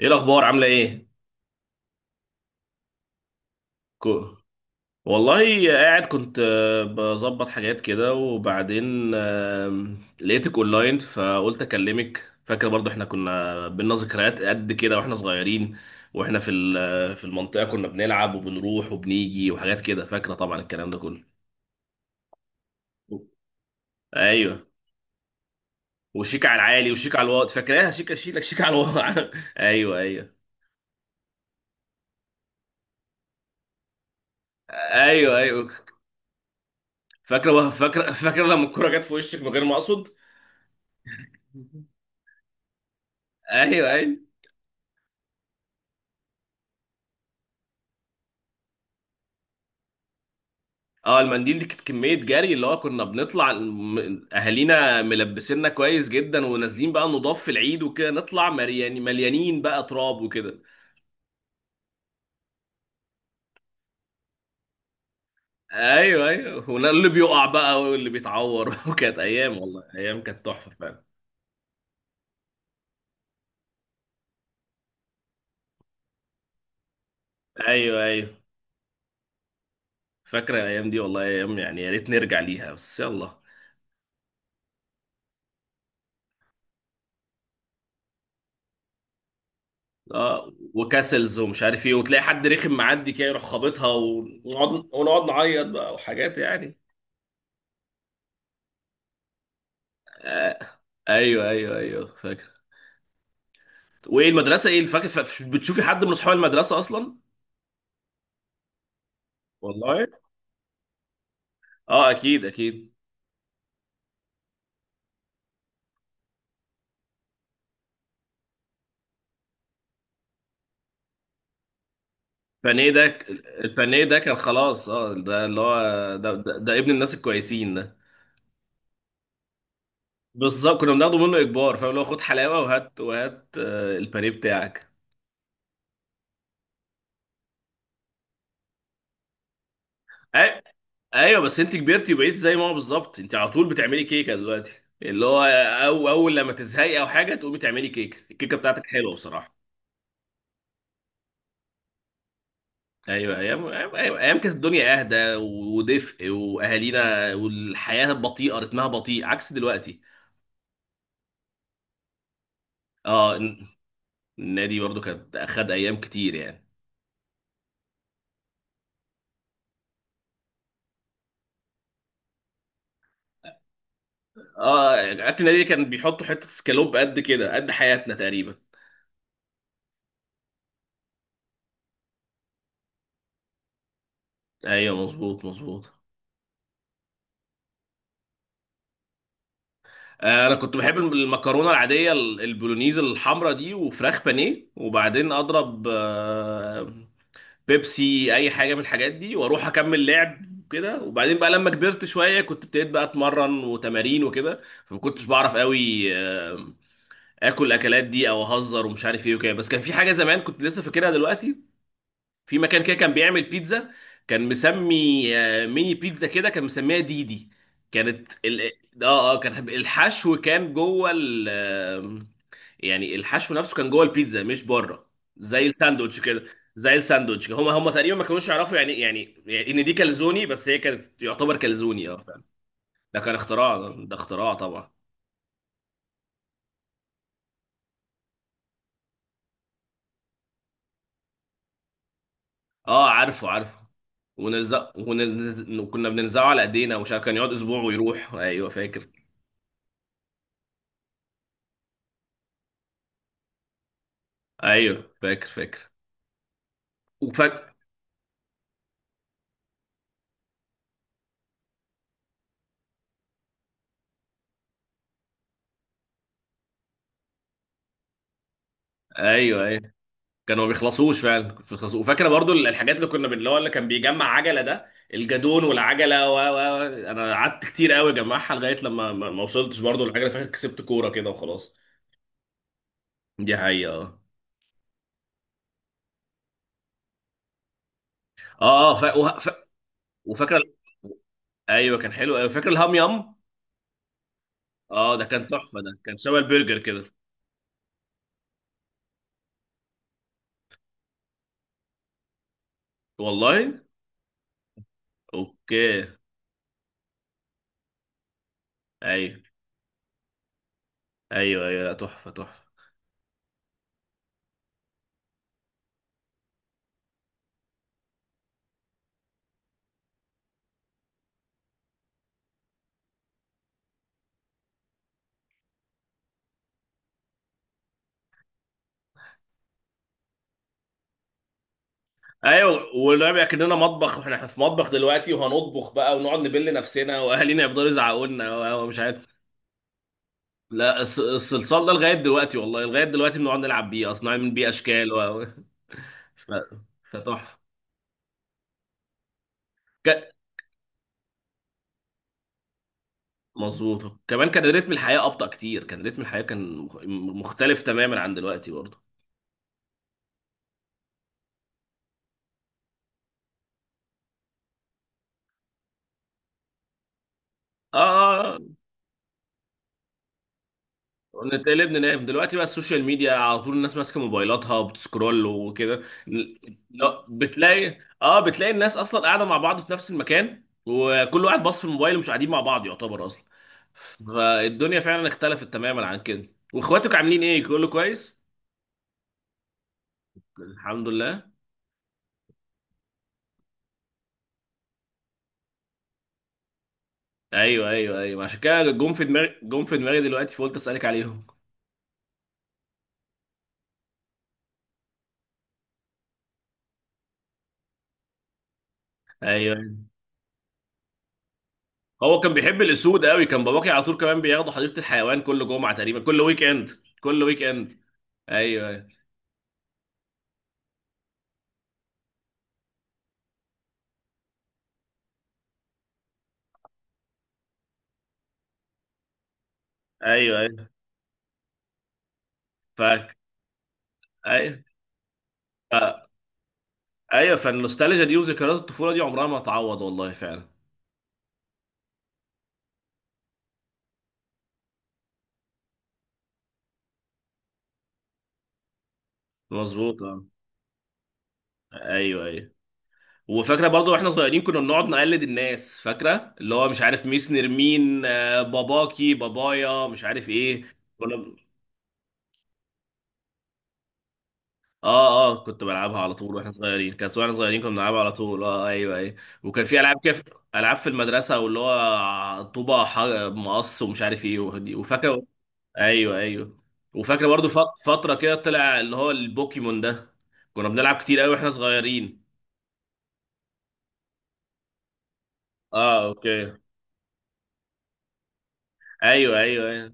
ايه الاخبار، عامله ايه؟ كو... والله قاعد كنت بظبط حاجات كده، وبعدين لقيتك اونلاين فقلت اكلمك. فاكر برضو احنا كنا بينا ذكريات قد كده واحنا صغيرين، واحنا في في المنطقه كنا بنلعب وبنروح وبنيجي وحاجات كده، فاكره طبعا الكلام ده كله. ايوه. وشيك على العالي وشيك على الواطي، فاكراها شيك شيك شيك على الواطي ايوه، ايوه. ايوه، ايوه. فاكره فاكره فاكره لما الكوره جت في وشك من غير ما اقصد. ايوه، ايوه. اه المنديل دي كانت كمية جري، اللي هو كنا بنطلع اهالينا ملبسيننا كويس جدا، ونازلين بقى نضاف في العيد وكده، نطلع مرياني مليانين بقى تراب وكده. ايوه، ايوه ولا اللي بيقع بقى واللي بيتعور وكانت ايام، والله ايام كانت تحفة فعلا. ايوه، ايوه. فاكرة الايام دي، والله ايام يعني، يا ريت نرجع ليها بس يلا. اه وكاسلز ومش عارف ايه، وتلاقي حد رخم معدي كده يروح خابطها، ونقعد نعيط بقى وحاجات يعني. ايوه، ايوه، ايوه فاكر. وايه المدرسه، ايه الفاكر، بتشوفي حد من اصحاب المدرسه اصلا؟ والله. اه اكيد اكيد. بانيه ده ك- البانيه ده كان خلاص، اه ده اللي هو ده ابن الناس الكويسين ده. بالظبط كنا بناخده منه اجبار، فاهم، اللي هو خد حلاوه وهات وهات، البانيه بتاعك. أي... ايوه بس انت كبرتي وبقيت زي ما هو بالظبط، انت على طول بتعملي كيكه دلوقتي، اللي هو أو اول لما تزهقي او حاجه تقومي تعملي كيكه، الكيكه بتاعتك حلوه بصراحه. ايوه ايام ايام، أيوة، أيام كانت الدنيا اهدى ودفء واهالينا، والحياه بطيئه، رتمها بطيء عكس دلوقتي. اه النادي برضو كانت اخد ايام كتير يعني. اه اكل النادي كان بيحطوا حته سكالوب قد كده قد حياتنا تقريبا. ايوه مظبوط مظبوط. انا كنت بحب المكرونه العاديه البولونيز الحمراء دي، وفراخ بانيه، وبعدين اضرب بيبسي، اي حاجه من الحاجات دي، واروح اكمل لعب. كده، وبعدين بقى لما كبرت شويه كنت ابتديت بقى اتمرن وتمارين وكده، فما كنتش بعرف قوي اكل الاكلات دي او اهزر ومش عارف ايه وكده. بس كان في حاجه زمان كنت لسه فاكرها دلوقتي، في مكان كده كان بيعمل بيتزا، كان مسمي ميني بيتزا كده، كان مسميها دي دي. كانت ال... اه اه كان الحشو كان جوه ال آه، يعني الحشو نفسه كان جوه البيتزا مش بره، زي الساندوتش كده. زي الساندوتش كده. هم تقريبا ما كانوش يعرفوا، يعني ان دي كالزوني، بس هي كانت يعتبر كالزوني اه فعلا. ده كان اختراع، ده اختراع طبعا. اه عارفه عارفه. ونلزق وكنا بننزعه على ايدينا ومش عارف، كان يقعد اسبوع ويروح، ايوه فاكر. ايوه فاكر فاكر. وفاكر. ايوه، ايوه. كانوا ما بيخلصوش فعلا، كنت بيخلصوا. وفاكره برضو الحاجات اللي اللي هو اللي كان بيجمع عجله ده الجدون والعجله و. انا قعدت كتير قوي اجمعها لغايه لما ما وصلتش برضو للعجله، فاكر كسبت كوره كده وخلاص. دي حقيقه. اه اه. وفاكره. ايوه كان حلو قوي، فاكر الهام يام. اه ده كان تحفه، ده كان شبه البرجر كده. والله. اوكي. ايوه ايوه ايوه، لا، تحفه تحفه. ايوه، والرابع كاننا مطبخ، واحنا في مطبخ دلوقتي، وهنطبخ بقى، ونقعد نبل نفسنا، واهالينا يفضلوا يزعقوا لنا ومش عارف. لا الصلصال ده لغايه دلوقتي، والله لغايه دلوقتي بنقعد نلعب بيه اصلا، نعمل بيه اشكال ف... فتحفه. ك... مظبوط، كمان كان رتم الحياه ابطا كتير، كان رتم الحياه كان مختلف تماما عن دلوقتي برضه. اه، آه، آه. نتقلب ننام. دلوقتي بقى السوشيال ميديا على طول، الناس ماسكه موبايلاتها وبتسكرول وكده. لا بتلاقي، الناس اصلا قاعده مع بعض في نفس المكان، وكل واحد باص في الموبايل، ومش قاعدين مع بعض يعتبر اصلا. فالدنيا فعلا اختلفت تماما عن كده. واخواتك عاملين ايه، كله كويس؟ الحمد لله. ايوه ايوه ايوه، عشان كده جم في دماغي، جم في دماغي دلوقتي، فقلت اسالك عليهم. ايوه، أيوه. هو كان بيحب الاسود قوي، كان باباكي على طول كمان بياخدوا حديقه الحيوان كل جمعه تقريبا، كل ويك اند. كل ويك اند. ايوه ايوه ايوه فاك ايوه ف... ايوه، فالنوستالجيا دي وذكريات الطفوله دي عمرها ما هتعوض، والله فعلا. مظبوط اه. ايوه، ايوه. وفاكره برضه واحنا صغيرين كنا بنقعد نقلد الناس، فاكره اللي هو مش عارف ميس نرمين، باباكي بابايا مش عارف ايه اه اه كنت بلعبها على طول واحنا صغيرين، كانت واحنا صغيرين كنا بنلعبها على طول، اه ايوه ايوه. وكان في العاب كده العاب في المدرسه، واللي هو طوبه مقص ومش عارف ايه وفاكره. ايوه، ايوه. وفاكر برضو فتره كده طلع اللي هو البوكيمون ده، كنا بنلعب كتير قوي واحنا صغيرين. اه اوكي. ايوه ايوه ايوه.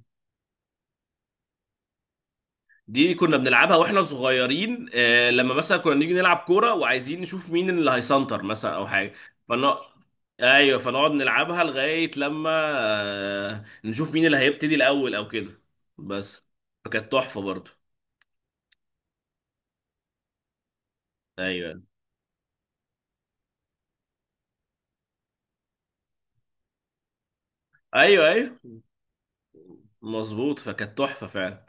دي كنا بنلعبها واحنا صغيرين، لما مثلا كنا نيجي نلعب كوره وعايزين نشوف مين اللي هيسنتر مثلا او حاجه. فن... ايوه فنقعد نلعبها لغايه لما نشوف مين اللي هيبتدي الاول او كده بس. فكانت تحفه برضو. ايوه ايوه ايوه مظبوط، فكانت تحفه فعلا.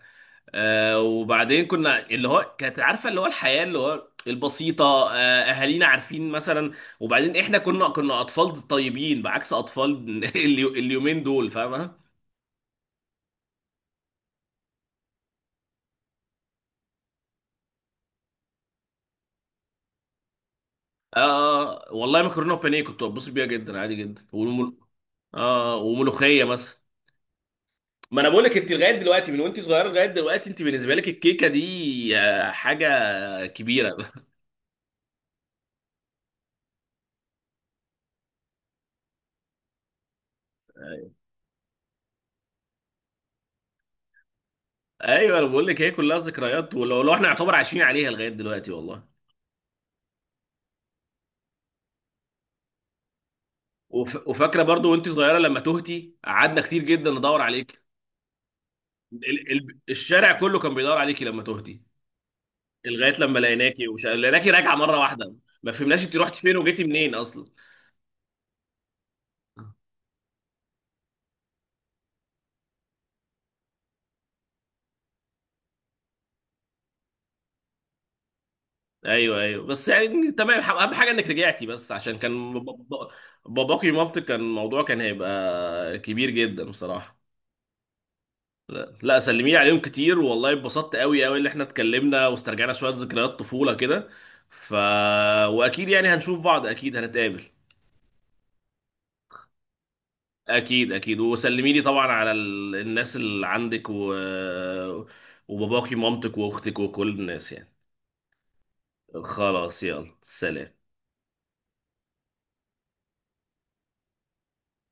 وبعدين كنا اللي هو كانت عارفه اللي هو الحياه اللي هو البسيطه. آه. اهالينا عارفين مثلا. وبعدين احنا كنا اطفال طيبين بعكس اطفال اليومين دول فاهمه. اه، والله مكرونه وبانيه كنت ببص بيها جدا عادي جدا، اه وملوخيه مثلا. ما انا بقول لك، انت لغايه دلوقتي، من وانت صغيره لغايه دلوقتي انت بالنسبه لك الكيكه دي حاجه كبيره ايوه انا بقول لك هي كلها ذكريات، لو احنا يعتبر عايشين عليها لغايه دلوقتي والله. وفاكره برضو وانت صغيره لما تهتي قعدنا كتير جدا ندور عليك، الشارع كله كان بيدور عليكي لما تهتي، لغايه لما لقيناكي لقيناكي راجعه مره واحده. ما فهمناش انت رحتي فين وجيتي منين اصلا. ايوه ايوه بس يعني تمام، اهم حاجه انك رجعتي، بس عشان كان باباكي ومامتك، كان الموضوع كان هيبقى كبير جدا بصراحه. لا لا، سلمي لي عليهم كتير، والله اتبسطت قوي قوي اللي احنا اتكلمنا واسترجعنا شويه ذكريات طفوله كده. ف واكيد يعني هنشوف بعض، اكيد هنتقابل. اكيد اكيد، وسلمي لي طبعا على الناس اللي عندك، وباباكي ومامتك واختك وكل الناس يعني. خلاص، يلا سلام.